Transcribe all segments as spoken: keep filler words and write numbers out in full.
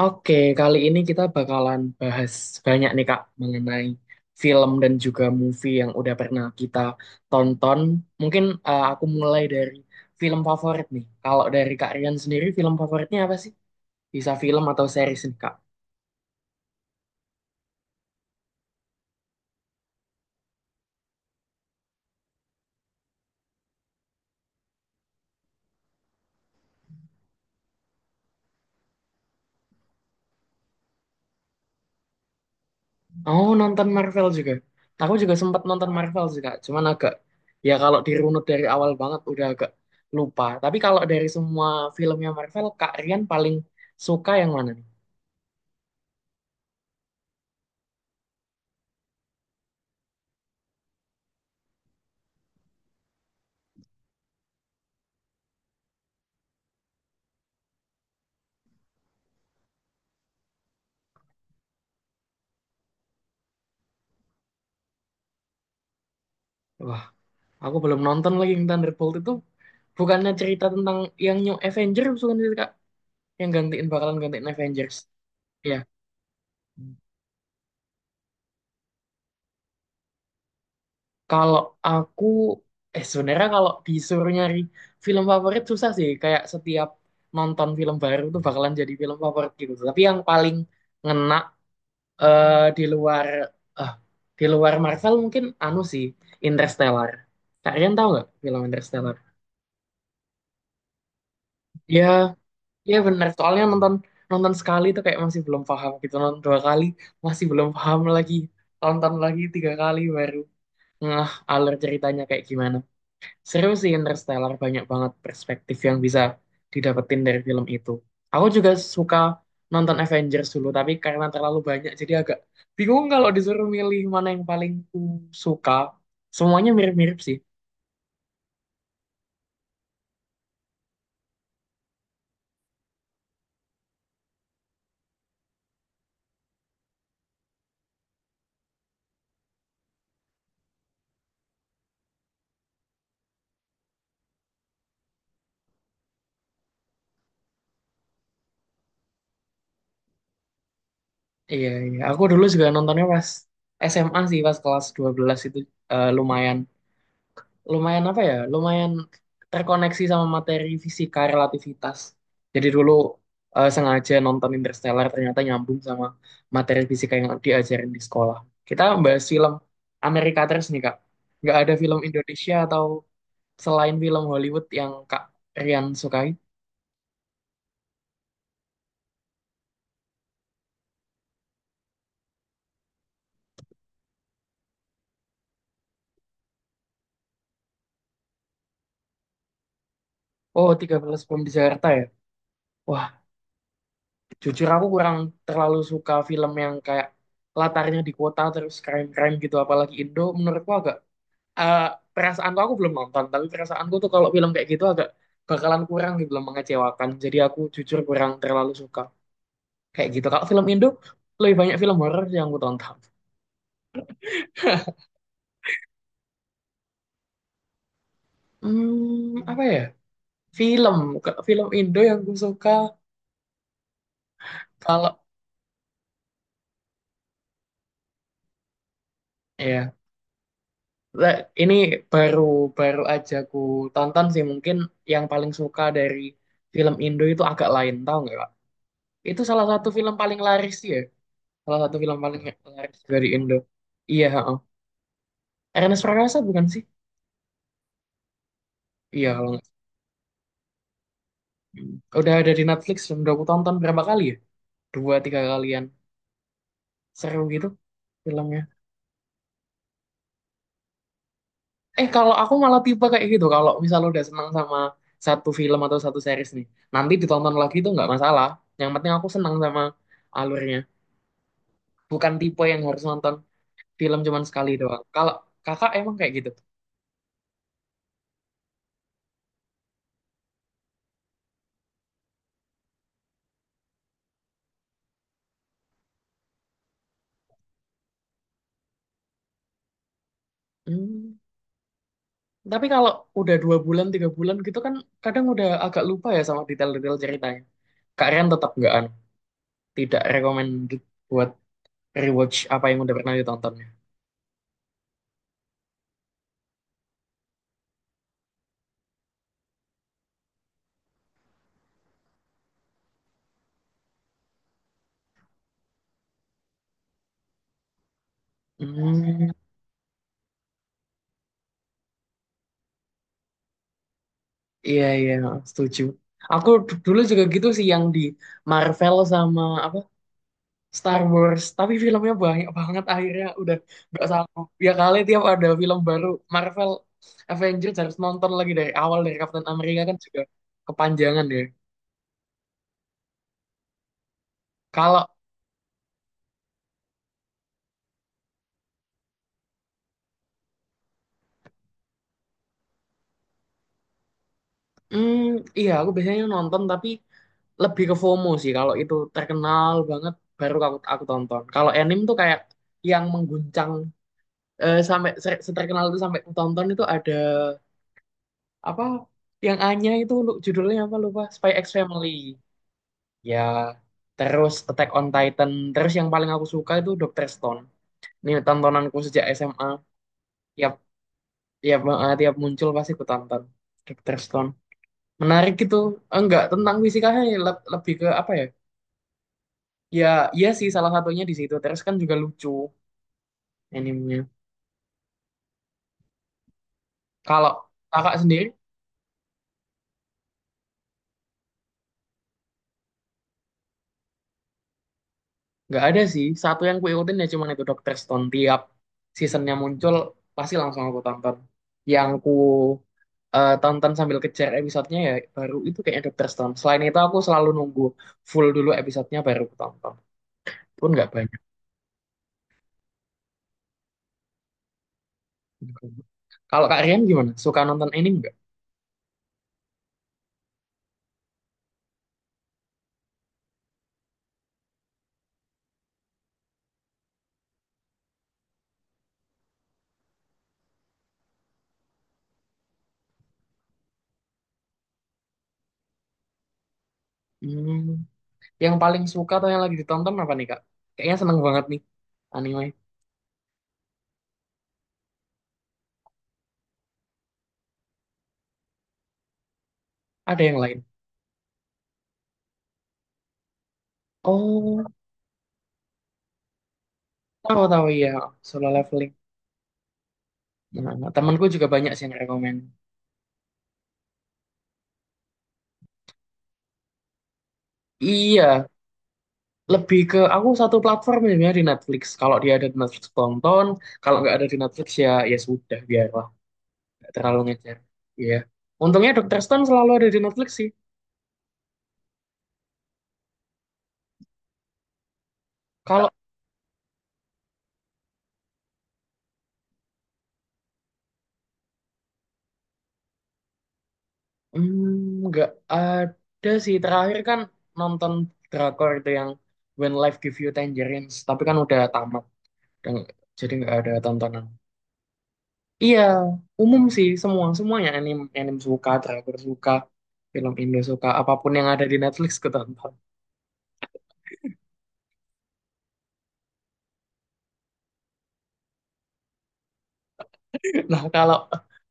Oke, kali ini kita bakalan bahas banyak nih Kak mengenai film dan juga movie yang udah pernah kita tonton. Mungkin eh, aku mulai dari film favorit nih. Kalau dari Kak Rian sendiri film favoritnya apa sih? Bisa film atau series nih Kak? Oh, nonton Marvel juga. Aku juga sempat nonton Marvel sih Kak, cuman agak ya kalau dirunut dari awal banget udah agak lupa. Tapi kalau dari semua filmnya Marvel, Kak Rian paling suka yang mana nih? Aku belum nonton lagi yang Thunderbolt itu. Bukannya cerita tentang yang New Avengers bukan sih, Kak? Yang gantiin bakalan gantiin Avengers. Iya. Kalau aku eh sebenarnya kalau disuruh nyari film favorit susah sih. Kayak setiap nonton film baru tuh bakalan jadi film favorit gitu. Tapi yang paling ngena eh, di luar eh, di luar Marvel mungkin anu sih Interstellar. Kalian tahu nggak film Interstellar? Ya, iya bener, soalnya nonton nonton sekali tuh kayak masih belum paham gitu, nonton dua kali masih belum paham lagi, tonton lagi tiga kali baru ngeh alur ceritanya kayak gimana. Seru sih Interstellar, banyak banget perspektif yang bisa didapetin dari film itu. Aku juga suka nonton Avengers dulu, tapi karena terlalu banyak jadi agak bingung kalau disuruh milih mana yang paling ku suka. Semuanya mirip-mirip sih. Iya, iya. Aku dulu juga nontonnya pas S M A sih, pas kelas dua belas itu eh, lumayan. lumayan apa ya, lumayan terkoneksi sama materi fisika relativitas. Jadi dulu eh, sengaja nonton Interstellar ternyata nyambung sama materi fisika yang diajarin di sekolah. Kita bahas film Amerika terus nih Kak. Nggak ada film Indonesia atau selain film Hollywood yang Kak Rian sukai? Oh, tiga belas Bom di Jakarta ya? Wah, jujur aku kurang terlalu suka film yang kayak latarnya di kota terus crime-crime gitu. Apalagi Indo menurutku agak eh perasaanku aku belum nonton tapi perasaanku tuh kalau film kayak gitu agak bakalan kurang gitu loh mengecewakan jadi aku jujur kurang terlalu suka kayak gitu. Kalau film Indo lebih banyak film horor yang aku tonton. Hmm apa ya, film. Kalau film Indo yang aku suka, kalau ya, nah, ini baru baru aja ku tonton sih mungkin yang paling suka dari film Indo itu agak lain tahu nggak Kak? Itu salah satu film paling laris ya, salah satu film paling laris dari Indo. Iya, Ernest Prakasa bukan sih? Iya kalau nggak salah. Udah ada di Netflix dan udah aku tonton berapa kali ya? Dua tiga kalian. Seru gitu filmnya. Eh kalau aku malah tipe kayak gitu. Kalau misalnya udah senang sama satu film atau satu series nih, nanti ditonton lagi itu nggak masalah. Yang penting aku senang sama alurnya. Bukan tipe yang harus nonton film cuman sekali doang. Kalau kakak emang kayak gitu. Hmm. Tapi kalau udah dua bulan tiga bulan gitu kan kadang udah agak lupa ya sama detail-detail ceritanya. Kak Rian tetap nggak tidak recommended buat rewatch apa yang udah pernah ditontonnya. Hmm, iya iya, setuju. Aku d- dulu juga gitu sih yang di Marvel sama apa Star Wars, tapi filmnya banyak banget akhirnya udah gak sanggup. Ya kali tiap ada film baru Marvel Avengers harus nonton lagi dari awal dari Captain America kan juga kepanjangan deh. Kalau hmm, iya aku biasanya nonton tapi lebih ke FOMO sih kalau itu terkenal banget baru aku aku tonton. Kalau anime tuh kayak yang mengguncang eh, sampai se- seterkenal itu sampai aku tonton itu ada apa yang Anya itu lu- judulnya apa lupa, Spy X Family. Ya, terus Attack on Titan, terus yang paling aku suka itu Doctor Stone. Ini tontonanku sejak S M A. Tiap tiap eh, Tiap muncul pasti aku tonton Doctor Stone. Menarik gitu. Eh, enggak, tentang fisikanya le- lebih ke apa ya? Ya, iya sih salah satunya di situ. Terus kan juga lucu animenya. Kalau kakak sendiri nggak ada sih. Satu yang kuikutin ya cuma itu Doctor Stone. Tiap seasonnya muncul pasti langsung aku tonton. Yang ku eh, tonton sambil kejar episodenya ya baru itu kayaknya Doctor Stone. Selain itu aku selalu nunggu full dulu episodenya baru aku tonton. Pun nggak banyak. Kalau Kak Rian gimana? Suka nonton anime nggak? Hmm, yang paling suka atau yang lagi ditonton apa nih Kak? Kayaknya seneng banget nih anime. Ada yang lain? Oh, tahu tahu ya, solo leveling. Nah, nah, temanku juga banyak sih yang rekomen. Iya, lebih ke aku satu platform ya di Netflix. Kalau dia ada di Netflix tonton, kalau nggak ada di Netflix ya ya sudah biarlah, nggak terlalu ngejar. Iya. Untungnya Dokter Stone selalu ada di Netflix sih. Kalau hmm, nggak ada sih, terakhir kan nonton drakor itu yang When Life Give You Tangerines, tapi kan udah tamat, dan- jadi nggak ada tontonan. Iya, umum sih, semua semuanya anime anime suka, driver suka, film Indo suka, apapun yang ada di Netflix ketonton. Nah, kalau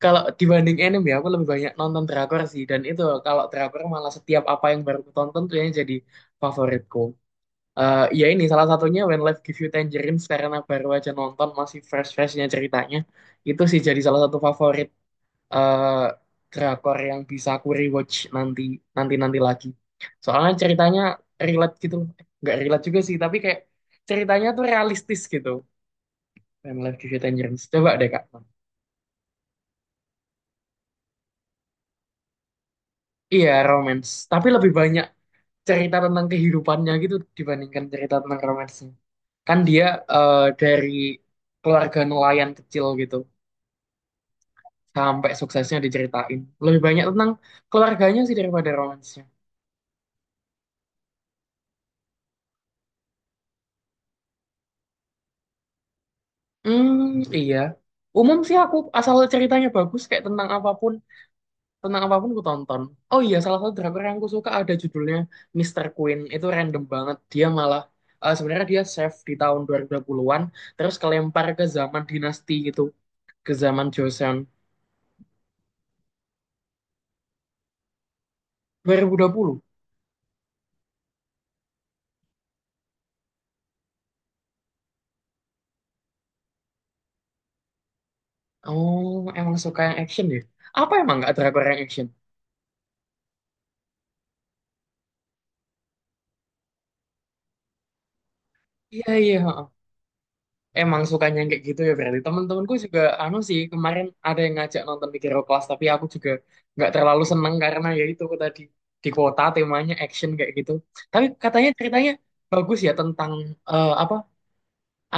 kalau dibanding anime ya aku lebih banyak nonton drakor sih dan itu kalau drakor malah setiap apa yang baru aku tonton tuh yang jadi favoritku. Eh ya ini salah satunya When Life Give You Tangerines karena baru aja nonton masih fresh-freshnya ceritanya. Itu sih jadi salah satu favorit eh drakor yang bisa aku rewatch nanti nanti nanti lagi. Soalnya ceritanya relate gitu loh. Eh, nggak relate juga sih, tapi kayak ceritanya tuh realistis gitu. When Life Gives You Tangerines. Coba deh Kak. Iya, romance. Tapi lebih banyak cerita tentang kehidupannya gitu dibandingkan cerita tentang romansnya. Kan dia eh, dari keluarga nelayan kecil gitu sampai suksesnya diceritain. Lebih banyak tentang keluarganya sih daripada romans. Hmm, iya. Umum sih aku asal ceritanya bagus kayak tentang apapun, tentang apapun aku tonton. Oh iya, salah satu drakor yang aku suka ada judulnya Mister Queen. Itu random banget. Dia malah eh, sebenarnya dia chef di tahun dua ribu dua puluhan-an terus kelempar ke zaman dinasti gitu, ke zaman Joseon. Dua, dua ribu dua puluh. Oh, emang suka yang action ya? Apa emang nggak drakor yang action? Iya, iya, ha. Emang sukanya yang kayak gitu ya, berarti temen-temenku juga anu sih, kemarin ada yang ngajak nonton Mikiro Class tapi aku juga nggak terlalu seneng karena ya itu tadi di kota temanya action kayak gitu. Tapi katanya ceritanya bagus ya tentang eh, apa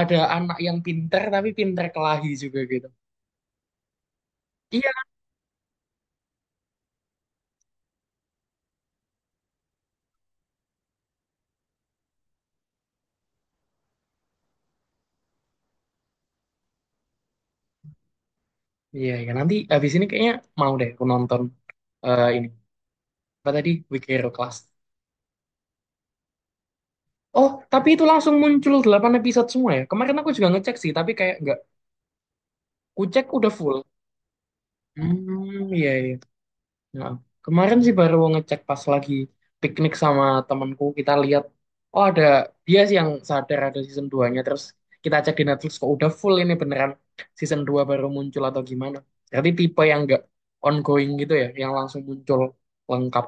ada anak yang pinter tapi pinter kelahi juga gitu. Iya. Iya iya, nanti habis ini kayaknya mau deh aku nonton eh, ini apa tadi Mikiro Class. Oh tapi itu langsung muncul delapan episode semua ya, kemarin aku juga ngecek sih tapi kayak nggak kucek udah full. Hmm, iya, iya. Nah, kemarin sih baru ngecek pas lagi piknik sama temanku, kita lihat oh ada, dia sih yang sadar ada season dua-nya terus kita cek di Netflix kok udah full, ini beneran season dua baru muncul atau gimana. Berarti tipe yang enggak ongoing gitu ya, yang langsung muncul lengkap.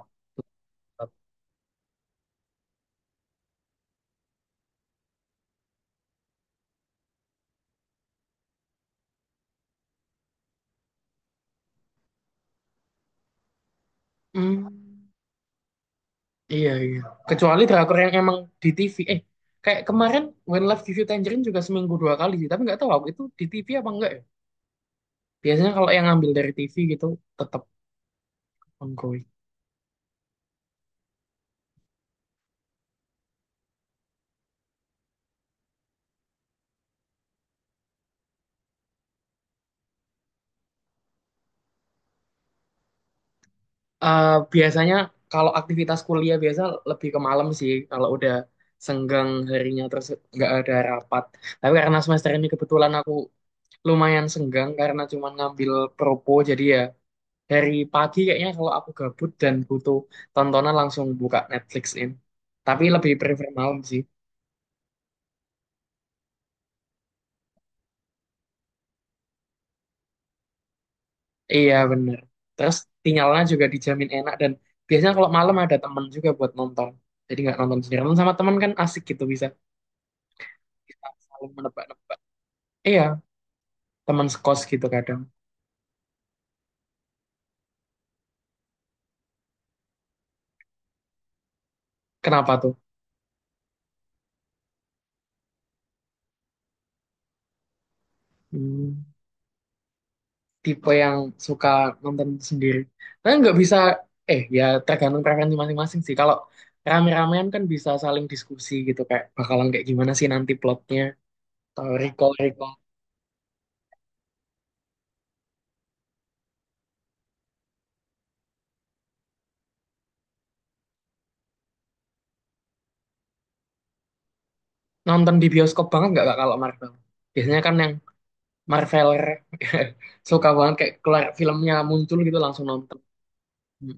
Hmm, iya iya. Kecuali drakor yang emang di T V. Eh, kayak kemarin When Life Gives You Tangerine juga seminggu dua kali sih, tapi nggak tahu aku itu di T V apa enggak ya. Biasanya kalau yang ngambil dari T V gitu tetap ongoing. Eh, Biasanya kalau aktivitas kuliah biasa lebih ke malam sih kalau udah senggang harinya terus nggak ada rapat. Tapi karena semester ini kebetulan aku lumayan senggang karena cuma ngambil propo jadi ya dari pagi kayaknya kalau aku gabut dan butuh tontonan langsung buka Netflixin. Tapi lebih prefer malam sih. Iya bener. Terus sinyalnya juga dijamin enak dan biasanya kalau malam ada temen juga buat nonton. Jadi nggak nonton sendirian. Nonton sama temen kan asik gitu bisa. Kita saling menebak-nebak. Iya, teman sekos gitu kadang. Kenapa tuh? Hmm, tipe yang suka nonton sendiri. Karena nggak bisa, eh ya tergantung preferensi masing-masing sih. Kalau rame-ramean kan bisa saling diskusi gitu kayak bakalan kayak gimana sih nanti plotnya. Atau recall-recall. Nonton di bioskop banget nggak Kak, kalau Marvel? Biasanya kan yang Marveler suka banget kayak keluar filmnya muncul gitu langsung nonton. Hmm,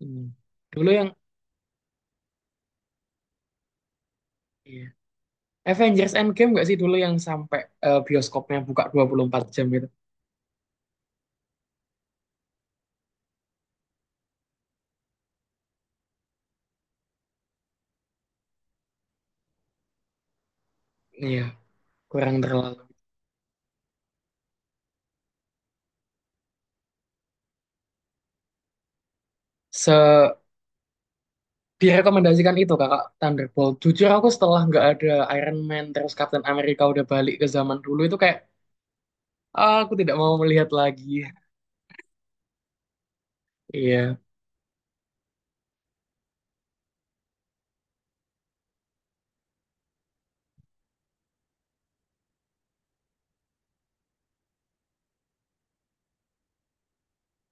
hmm. Dulu yang iya. Avengers Endgame nggak sih dulu yang sampai eh, bioskopnya buka dua puluh empat jam gitu? Iya, kurang terlalu se direkomendasikan itu kakak Thunderbolt. Jujur aku setelah nggak ada Iron Man terus Captain America udah balik ke zaman dulu itu kayak, "Ah, aku tidak mau melihat lagi." Iya.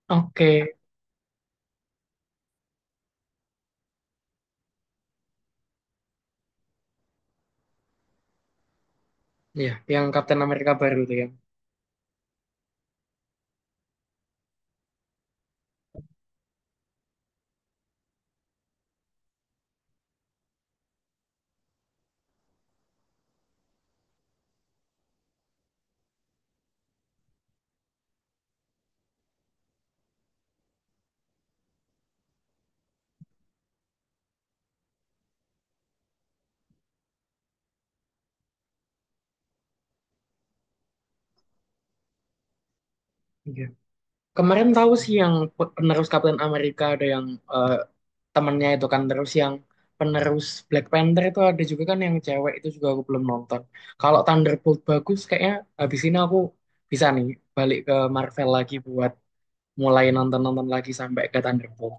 Oke. Iya, yang Captain America baru tuh yang iya. Kemarin tahu sih yang pe- penerus Captain America ada yang eh, temennya itu kan, terus yang penerus Black Panther itu ada juga kan yang cewek, itu juga aku belum nonton. Kalau Thunderbolt bagus kayaknya habis ini aku bisa nih balik ke Marvel lagi buat mulai nonton-nonton lagi sampai ke Thunderbolt.